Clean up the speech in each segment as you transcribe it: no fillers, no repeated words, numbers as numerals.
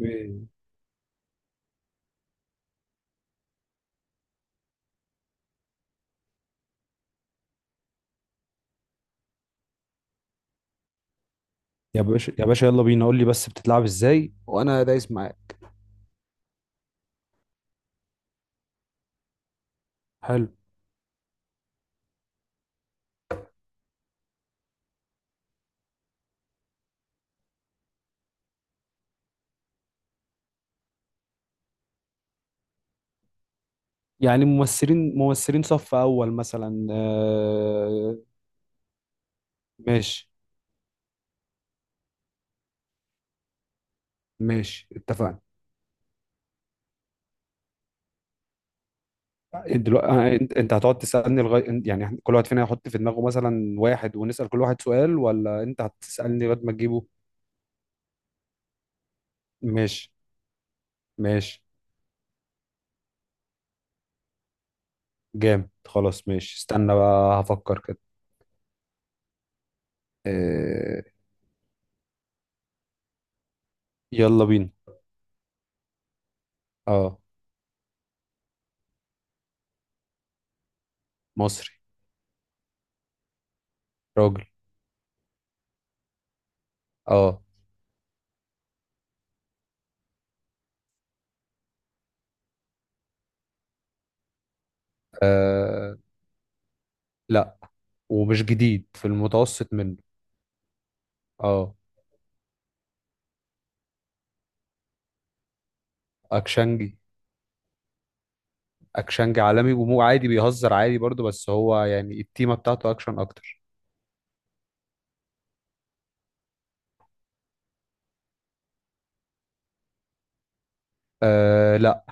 إيه. يا باشا، يا باشا، يلا بينا قول لي بس بتتلعب ازاي وانا دايس معاك؟ حلو. يعني ممثلين صف اول مثلا ماشي ماشي، اتفقنا. دلوقتي انت هتقعد تسالني لغايه، يعني كل واحد فينا هيحط في دماغه مثلا واحد ونسال كل واحد سؤال، ولا انت هتسالني لغايه ما تجيبه؟ ماشي ماشي. جامد، خلاص، ماشي، استنى بقى هفكر كده. آه، يلا بينا. اه. مصري. راجل. اه. آه، لا. ومش جديد، في المتوسط منه. اه. اكشنجي. اكشنجي عالمي ومو عادي، بيهزر عادي برضه، بس هو يعني التيمه بتاعته اكشن اكتر. آه لا.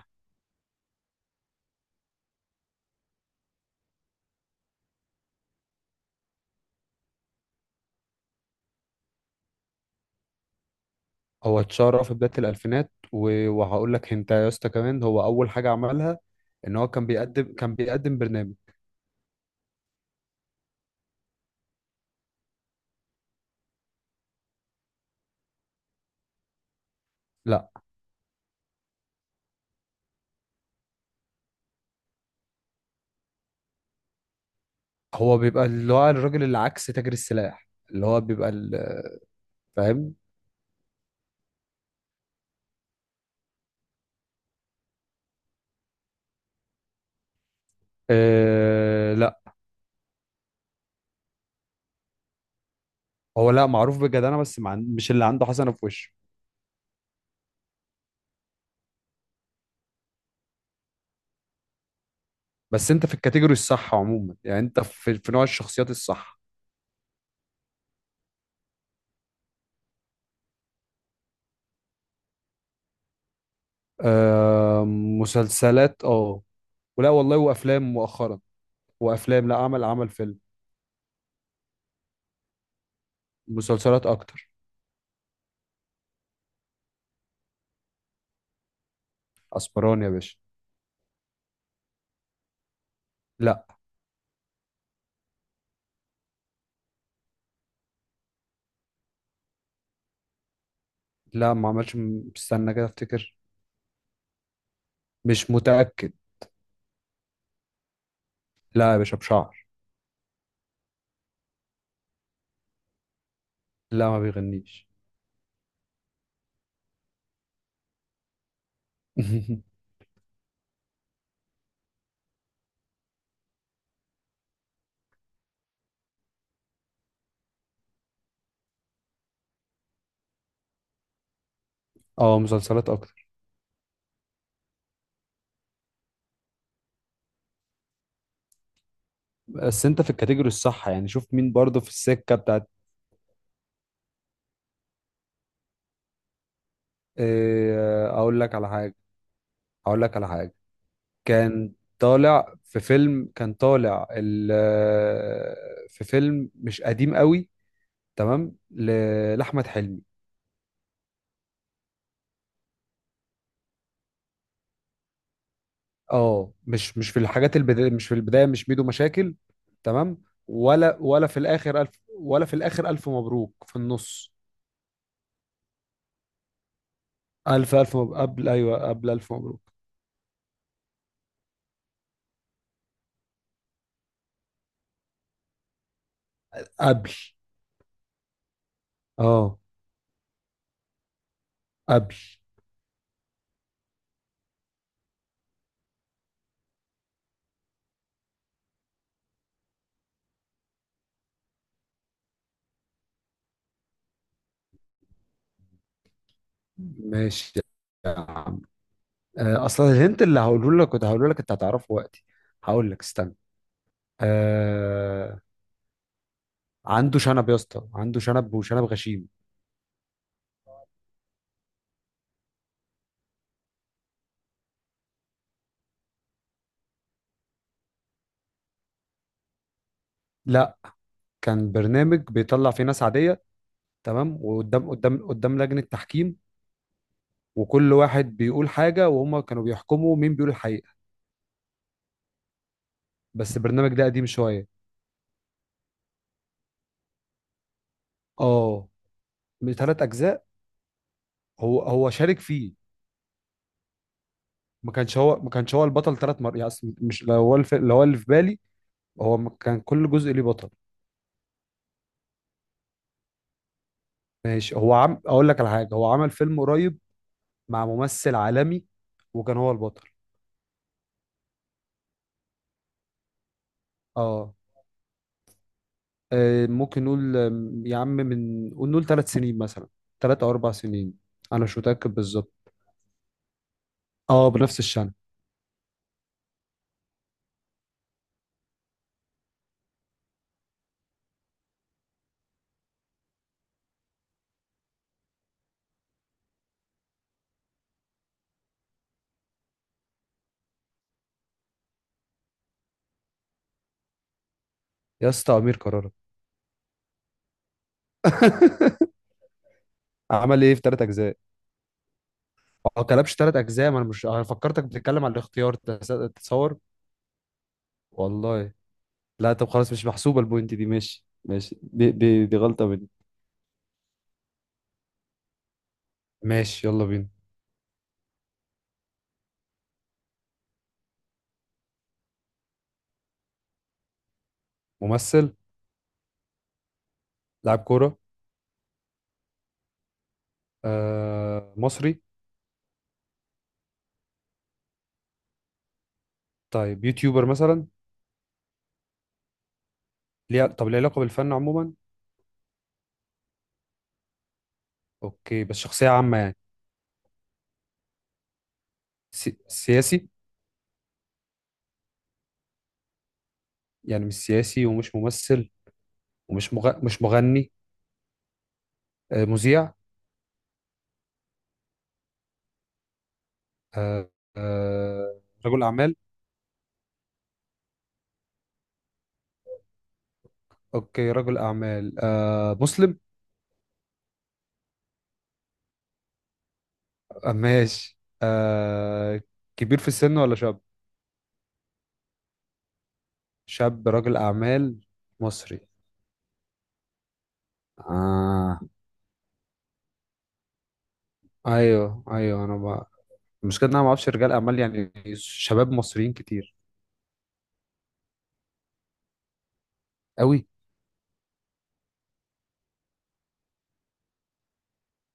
هو اتشهر في بدايه الالفينات، وهقول لك انت يا اسطى كمان هو اول حاجه عملها ان هو كان بيقدم برنامج. لا. هو بيبقى اللي هو الراجل اللي عكس تاجر السلاح، اللي هو بيبقى فاهم. آه لا. هو لا معروف بجدانه، بس مش اللي عنده حسنه في وشه. بس انت في الكاتيجوري الصح عموما، يعني انت في نوع الشخصيات الصح. آه، مسلسلات، اه. ولا والله وافلام مؤخرا. وافلام، لا، عمل فيلم. مسلسلات اكتر. اسبراني يا باشا. لا. لا، ما عملش استنى كده افتكر. مش متأكد. لا يا باشا، بشعر. لا، ما بيغنيش. اه، مسلسلات اكتر. بس انت في الكاتيجوري الصح، يعني شوف مين برضه في السكة بتاعت. اقول لك على حاجة. اقول لك على حاجة. كان طالع في فيلم كان طالع ال- في فيلم مش قديم قوي. تمام، لأحمد حلمي. اه، مش في الحاجات البداية، مش في البداية، مش ميدو مشاكل. تمام. ولا ولا في الآخر ألف ولا في الآخر ألف مبروك في النص. ألف مبروك، قبل، أيوه، قبل ألف مبروك. قبل، اه، قبل. ماشي يا عم. أصلا الهنت اللي هقوله لك كنت هقوله لك أنت هتعرفه وقتي. هقول لك استنى. آه، عنده شنب يا اسطى، عنده شنب، وشنب غشيم. لا، كان برنامج بيطلع فيه ناس عادية. تمام، وقدام قدام قدام لجنة تحكيم. وكل واحد بيقول حاجة وهم كانوا بيحكموا مين بيقول الحقيقة. بس البرنامج ده قديم شوية. اه، من 3 أجزاء. هو شارك فيه. ما كانش هو البطل 3 مرات يعني، أصل مش لو هو لو هو اللي في بالي، هو ما كان كل جزء ليه بطل. ماشي. هو عم اقول لك على حاجة. هو عمل فيلم قريب مع ممثل عالمي، وكان هو البطل. اه. ممكن نقول، يا عم من قول نقول 3 سنين مثلا. 3 او 4 سنين. انا مش متاكد بالظبط. اه، بنفس الشنب. يا اسطى امير كرارة. عمل ايه في 3 اجزاء؟ او كلبش 3 اجزاء. ما انا مش، انا فكرتك بتتكلم عن الاختيار، تتصور. والله. لا طب خلاص، مش محسوبه البوينت دي. ماشي ماشي. دي غلطه مني. ماشي، يلا بينا. ممثل. لاعب كوره. آه، مصري. طيب، يوتيوبر مثلا؟ ليه؟ طب ليه علاقه بالفن عموما. اوكي، بس شخصيه عامه يعني. سياسي. يعني مش سياسي ومش ممثل. ومش مغ... مش مغني. مذيع. آه، رجل أعمال. أوكي، رجل أعمال. مسلم. ماشي. كبير في السن ولا شاب؟ شاب، رجل أعمال. مصري. آه. أيوه أيوه، أنا ما... المشكلة إن أنا ما أعرفش رجال أعمال يعني شباب مصريين كتير. أوي.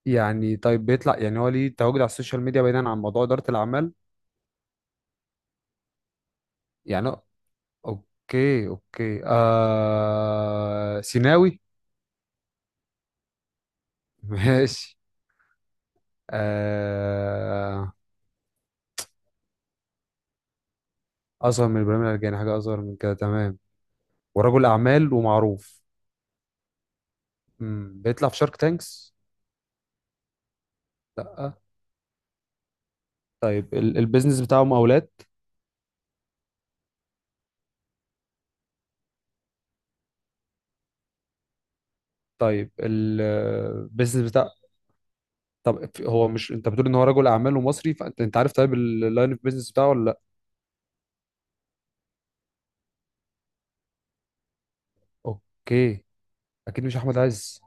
يعني طيب بيطلع، يعني هو ليه تواجد على السوشيال ميديا بعيدا عن موضوع إدارة الأعمال؟ يعني. اوكي اوكي، سيناوي. ماشي. آه... اصغر من ابراهيم العرجاني، حاجه اصغر من كده، تمام. ورجل اعمال ومعروف. مم. بيطلع في شارك تانكس. لا. طيب، البيزنس بتاعه مقاولات. طيب، ال- البيزنس بتاع طب في- هو مش انت بتقول ان هو رجل اعمال ومصري؟ فانت عارف طيب اللاين اوف بيزنس بتاعه ولا لا؟ اوكي. اكيد مش احمد عز.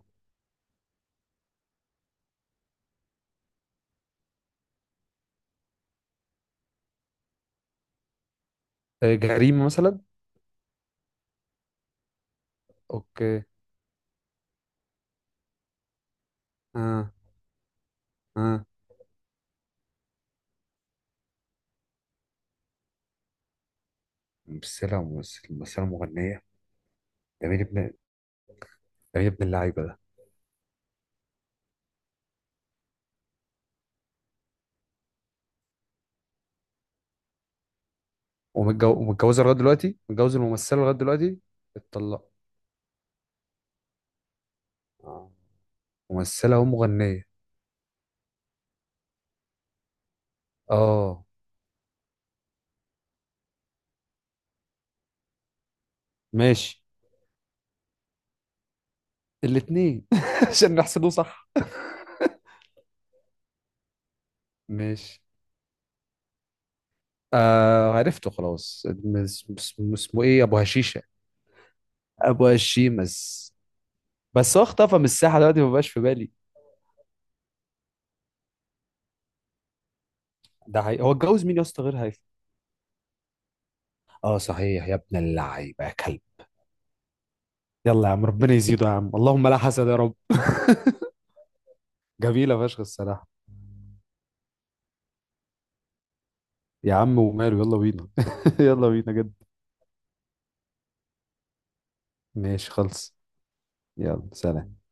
جريمه مثلا. اوكي. اه. اه. بس لا ممثل، بس لا مغنية. جميل ابن جميل ابن اللعيبه ده. ومتجوزه لغايه دلوقتي، متجوز الممثله لغايه دلوقتي. اتطلقوا. اه. ممثله ومغنيه. اه. ماشي. الاثنين عشان نحسبه صح. ماشي. آه، عرفته خلاص، اسمه ايه؟ ابو هشيشه. ابو هشيمس. بس هو اختفى من الساحه دلوقتي، ما بقاش في بالي. ده حقيقي، هو اتجوز مين يا اسطى غير هيثم؟ اه صحيح، يا ابن اللعيبه يا كلب. يلا يا عم، ربنا يزيده يا عم، اللهم لا حسد يا رب. جميله فشخ الصراحه. يا عم وماله، يلا بينا. يلا بينا جد. ماشي خلص. يلا سلام.